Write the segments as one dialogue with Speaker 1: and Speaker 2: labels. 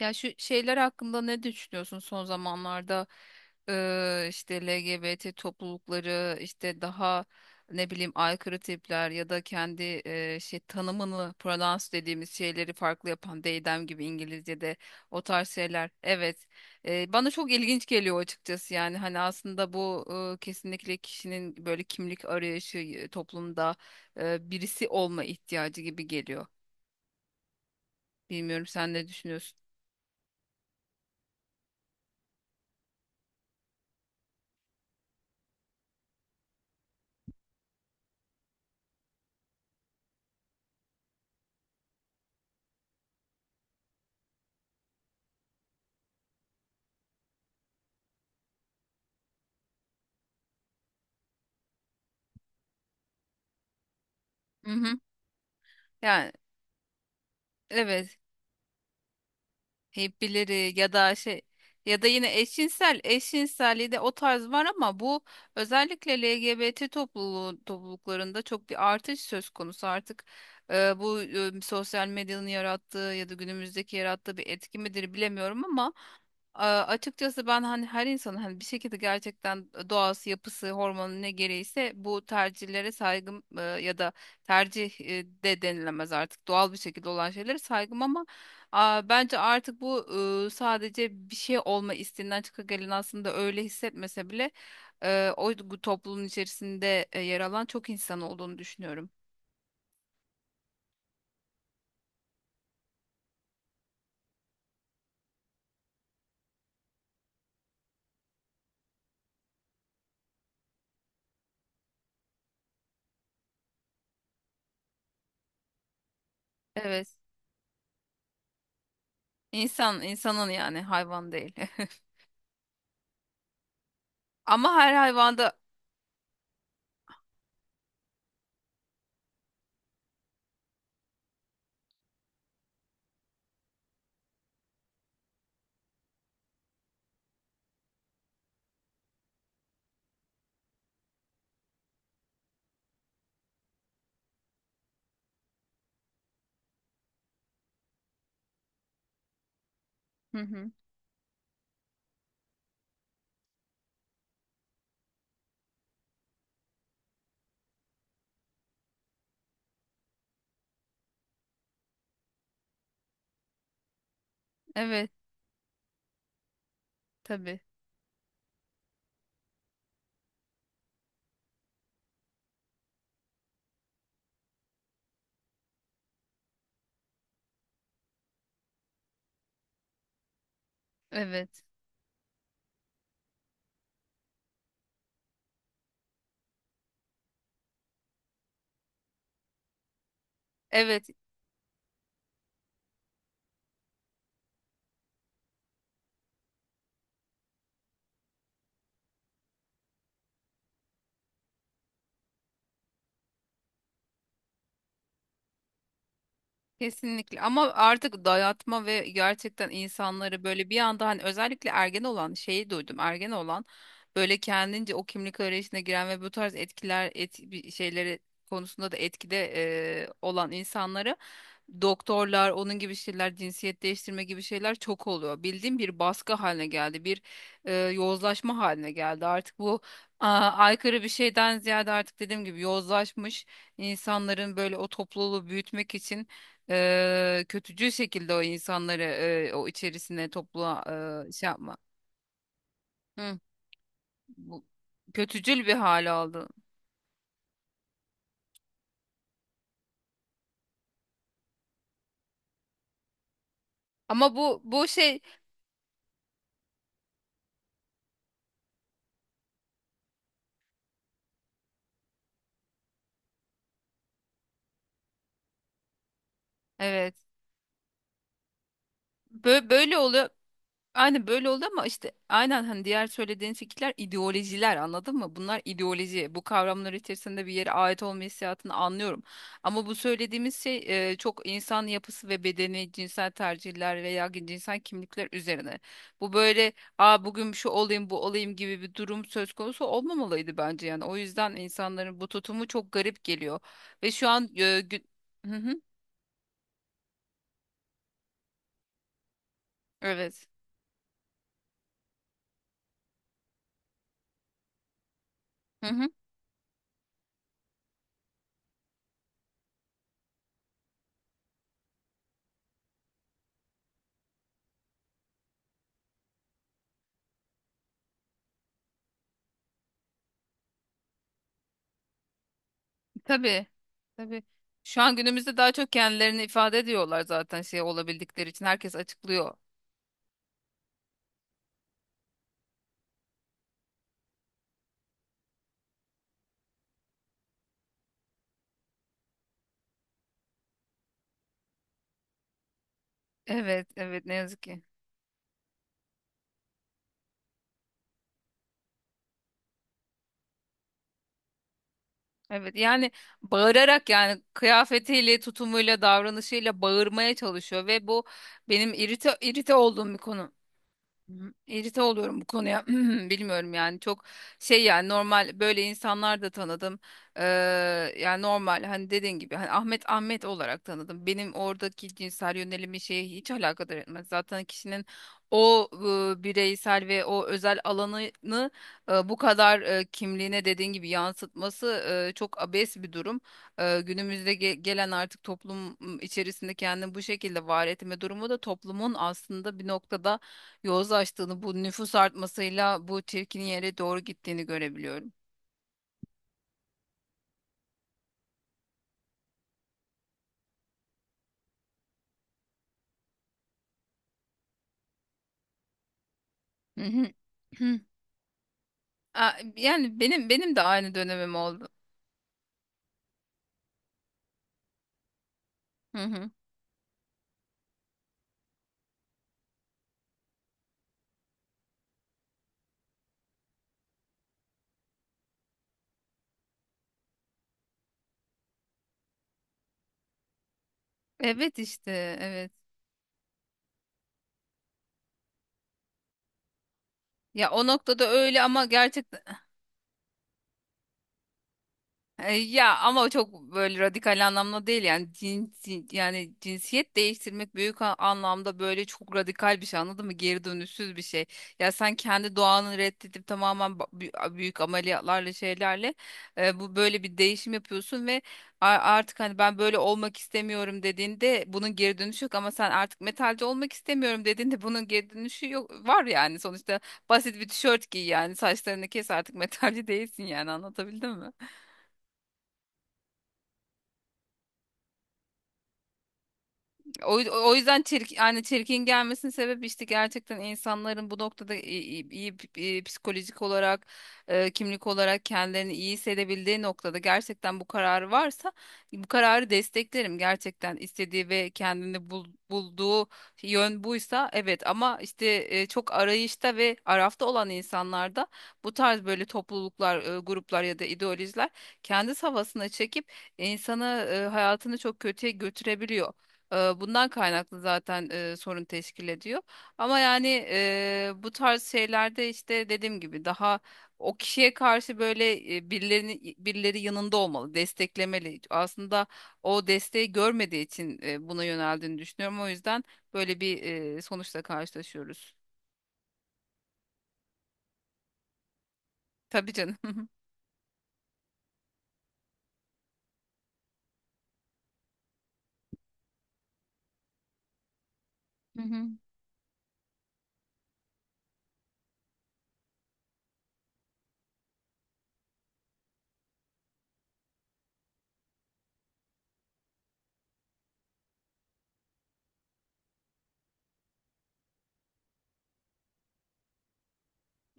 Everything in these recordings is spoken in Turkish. Speaker 1: Ya şu şeyler hakkında ne düşünüyorsun son zamanlarda? İşte LGBT toplulukları, işte daha ne bileyim aykırı tipler ya da kendi şey tanımını, pronouns dediğimiz şeyleri farklı yapan they them gibi İngilizce'de o tarz şeyler. Evet. Bana çok ilginç geliyor açıkçası. Yani hani aslında bu kesinlikle kişinin böyle kimlik arayışı, toplumda birisi olma ihtiyacı gibi geliyor. Bilmiyorum, sen ne düşünüyorsun? Hı hı. Yani evet. Hippileri ya da şey, ya da yine eşcinsel eşcinselliği de o tarz var ama bu özellikle LGBT topluluklarında çok bir artış söz konusu artık. Bu sosyal medyanın yarattığı ya da günümüzdeki yarattığı bir etki midir bilemiyorum ama açıkçası ben hani her insanın, hani bir şekilde gerçekten doğası, yapısı, hormonu ne gereğiyse bu tercihlere saygım, ya da tercih de denilemez artık, doğal bir şekilde olan şeylere saygım. Ama bence artık bu sadece bir şey olma isteğinden çıkagelen, aslında öyle hissetmese bile o toplumun içerisinde yer alan çok insan olduğunu düşünüyorum. Evet. İnsan, insanın, yani hayvan değil. Ama her hayvanda. Hı hı. Evet, tabii. Evet. Evet. Kesinlikle ama artık dayatma ve gerçekten insanları böyle bir anda, hani özellikle ergen olan, şeyi duydum, ergen olan böyle kendince o kimlik arayışına giren ve bu tarz etkiler bir şeyleri konusunda da etkide olan insanları, doktorlar onun gibi şeyler, cinsiyet değiştirme gibi şeyler çok oluyor bildiğim, bir baskı haline geldi, bir yozlaşma haline geldi artık bu. Aykırı bir şeyden ziyade artık, dediğim gibi, yozlaşmış insanların böyle o topluluğu büyütmek için kötücül şekilde o insanları, o içerisine topluma şey yapma. Hı, Bu kötücül bir hal aldı. Ama bu şey, evet böyle, böyle oluyor. Aynen böyle oldu ama işte aynen, hani diğer söylediğin fikirler, ideolojiler, anladın mı? Bunlar ideoloji. Bu kavramlar içerisinde bir yere ait olma hissiyatını anlıyorum. Ama bu söylediğimiz şey çok insan yapısı ve bedeni, cinsel tercihler veya cinsel kimlikler üzerine. Bu böyle bugün şu olayım, bu olayım gibi bir durum söz konusu olmamalıydı bence yani. O yüzden insanların bu tutumu çok garip geliyor. Ve şu an Hı hı, evet. Tabii. Tabii. Şu an günümüzde daha çok kendilerini ifade ediyorlar zaten, şey olabildikleri için. Herkes açıklıyor. Evet, evet, ne yazık ki. Evet yani, bağırarak, yani kıyafetiyle, tutumuyla, davranışıyla bağırmaya çalışıyor ve bu benim irite olduğum bir konu. Hı. İrite oluyorum bu konuya. Bilmiyorum yani, çok şey, yani normal böyle insanlar da tanıdım. Ee, Yani normal, hani dediğin gibi, hani Ahmet Ahmet olarak tanıdım. Benim oradaki cinsel yönelimi şeye hiç alakadar etmez. Zaten kişinin o bireysel ve o özel alanını bu kadar kimliğine, dediğin gibi, yansıtması çok abes bir durum. Günümüzde gelen artık toplum içerisinde kendini bu şekilde var etme durumu da toplumun aslında bir noktada yol açtığını, bu nüfus artmasıyla bu çirkin yere doğru gittiğini görebiliyorum. Hı hı. Hı. Aa, Yani benim de aynı dönemim oldu. Hı hı. Evet işte, evet. Ya o noktada öyle ama gerçek ya ama o çok böyle radikal anlamda değil. Yani cinsi, yani cinsiyet değiştirmek büyük anlamda böyle çok radikal bir şey, anladın mı? Geri dönüşsüz bir şey. Ya sen kendi doğanı reddedip tamamen büyük ameliyatlarla şeylerle bu böyle bir değişim yapıyorsun ve artık hani ben böyle olmak istemiyorum dediğinde bunun geri dönüşü yok. Ama sen artık metalci olmak istemiyorum dediğinde bunun geri dönüşü yok, var yani sonuçta. Basit bir tişört giy, yani saçlarını kes, artık metalci değilsin, yani anlatabildim mi? O, o yüzden çirkin, yani çirkin gelmesinin sebebi işte, gerçekten insanların bu noktada iyi, iyi psikolojik olarak, kimlik olarak kendilerini iyi hissedebildiği noktada gerçekten bu kararı varsa bu kararı desteklerim. Gerçekten istediği ve kendini bulduğu yön buysa, evet. Ama işte çok arayışta ve arafta olan insanlarda bu tarz böyle topluluklar, gruplar ya da ideolojiler kendi havasına çekip insanı, hayatını çok kötüye götürebiliyor. Bundan kaynaklı zaten sorun teşkil ediyor. Ama yani bu tarz şeylerde işte dediğim gibi daha o kişiye karşı böyle birileri yanında olmalı, desteklemeli. Aslında o desteği görmediği için buna yöneldiğini düşünüyorum. O yüzden böyle bir sonuçla karşılaşıyoruz. Tabii canım. Hı hı.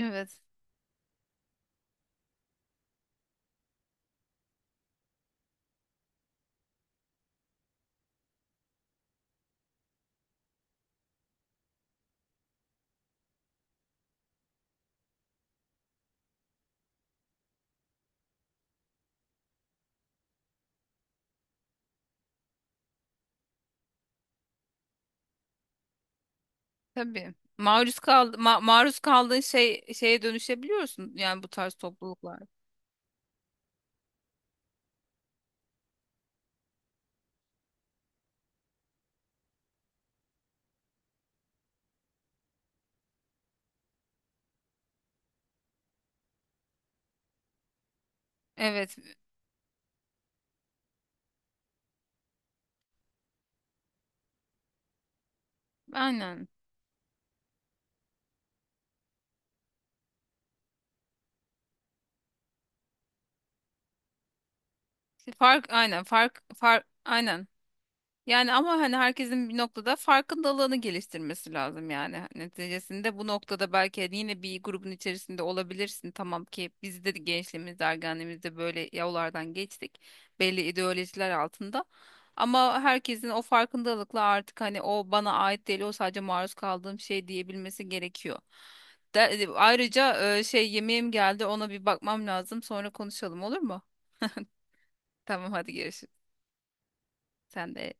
Speaker 1: Evet. Tabii. Maruz kal, maruz kaldığın şey şeye dönüşebiliyorsun, yani bu tarz topluluklar. Evet, aynen. Fark aynen, fark aynen. Yani ama hani herkesin bir noktada farkındalığını geliştirmesi lazım yani. Hani neticesinde bu noktada belki hani yine bir grubun içerisinde olabilirsin. Tamam ki biz de gençliğimizde, ergenliğimizde böyle yollardan geçtik. Belli ideolojiler altında. Ama herkesin o farkındalıkla artık hani o bana ait değil, o sadece maruz kaldığım şey diyebilmesi gerekiyor. Ayrıca şey, yemeğim geldi, ona bir bakmam lazım. Sonra konuşalım, olur mu? Tamam, hadi görüşürüz. Sen de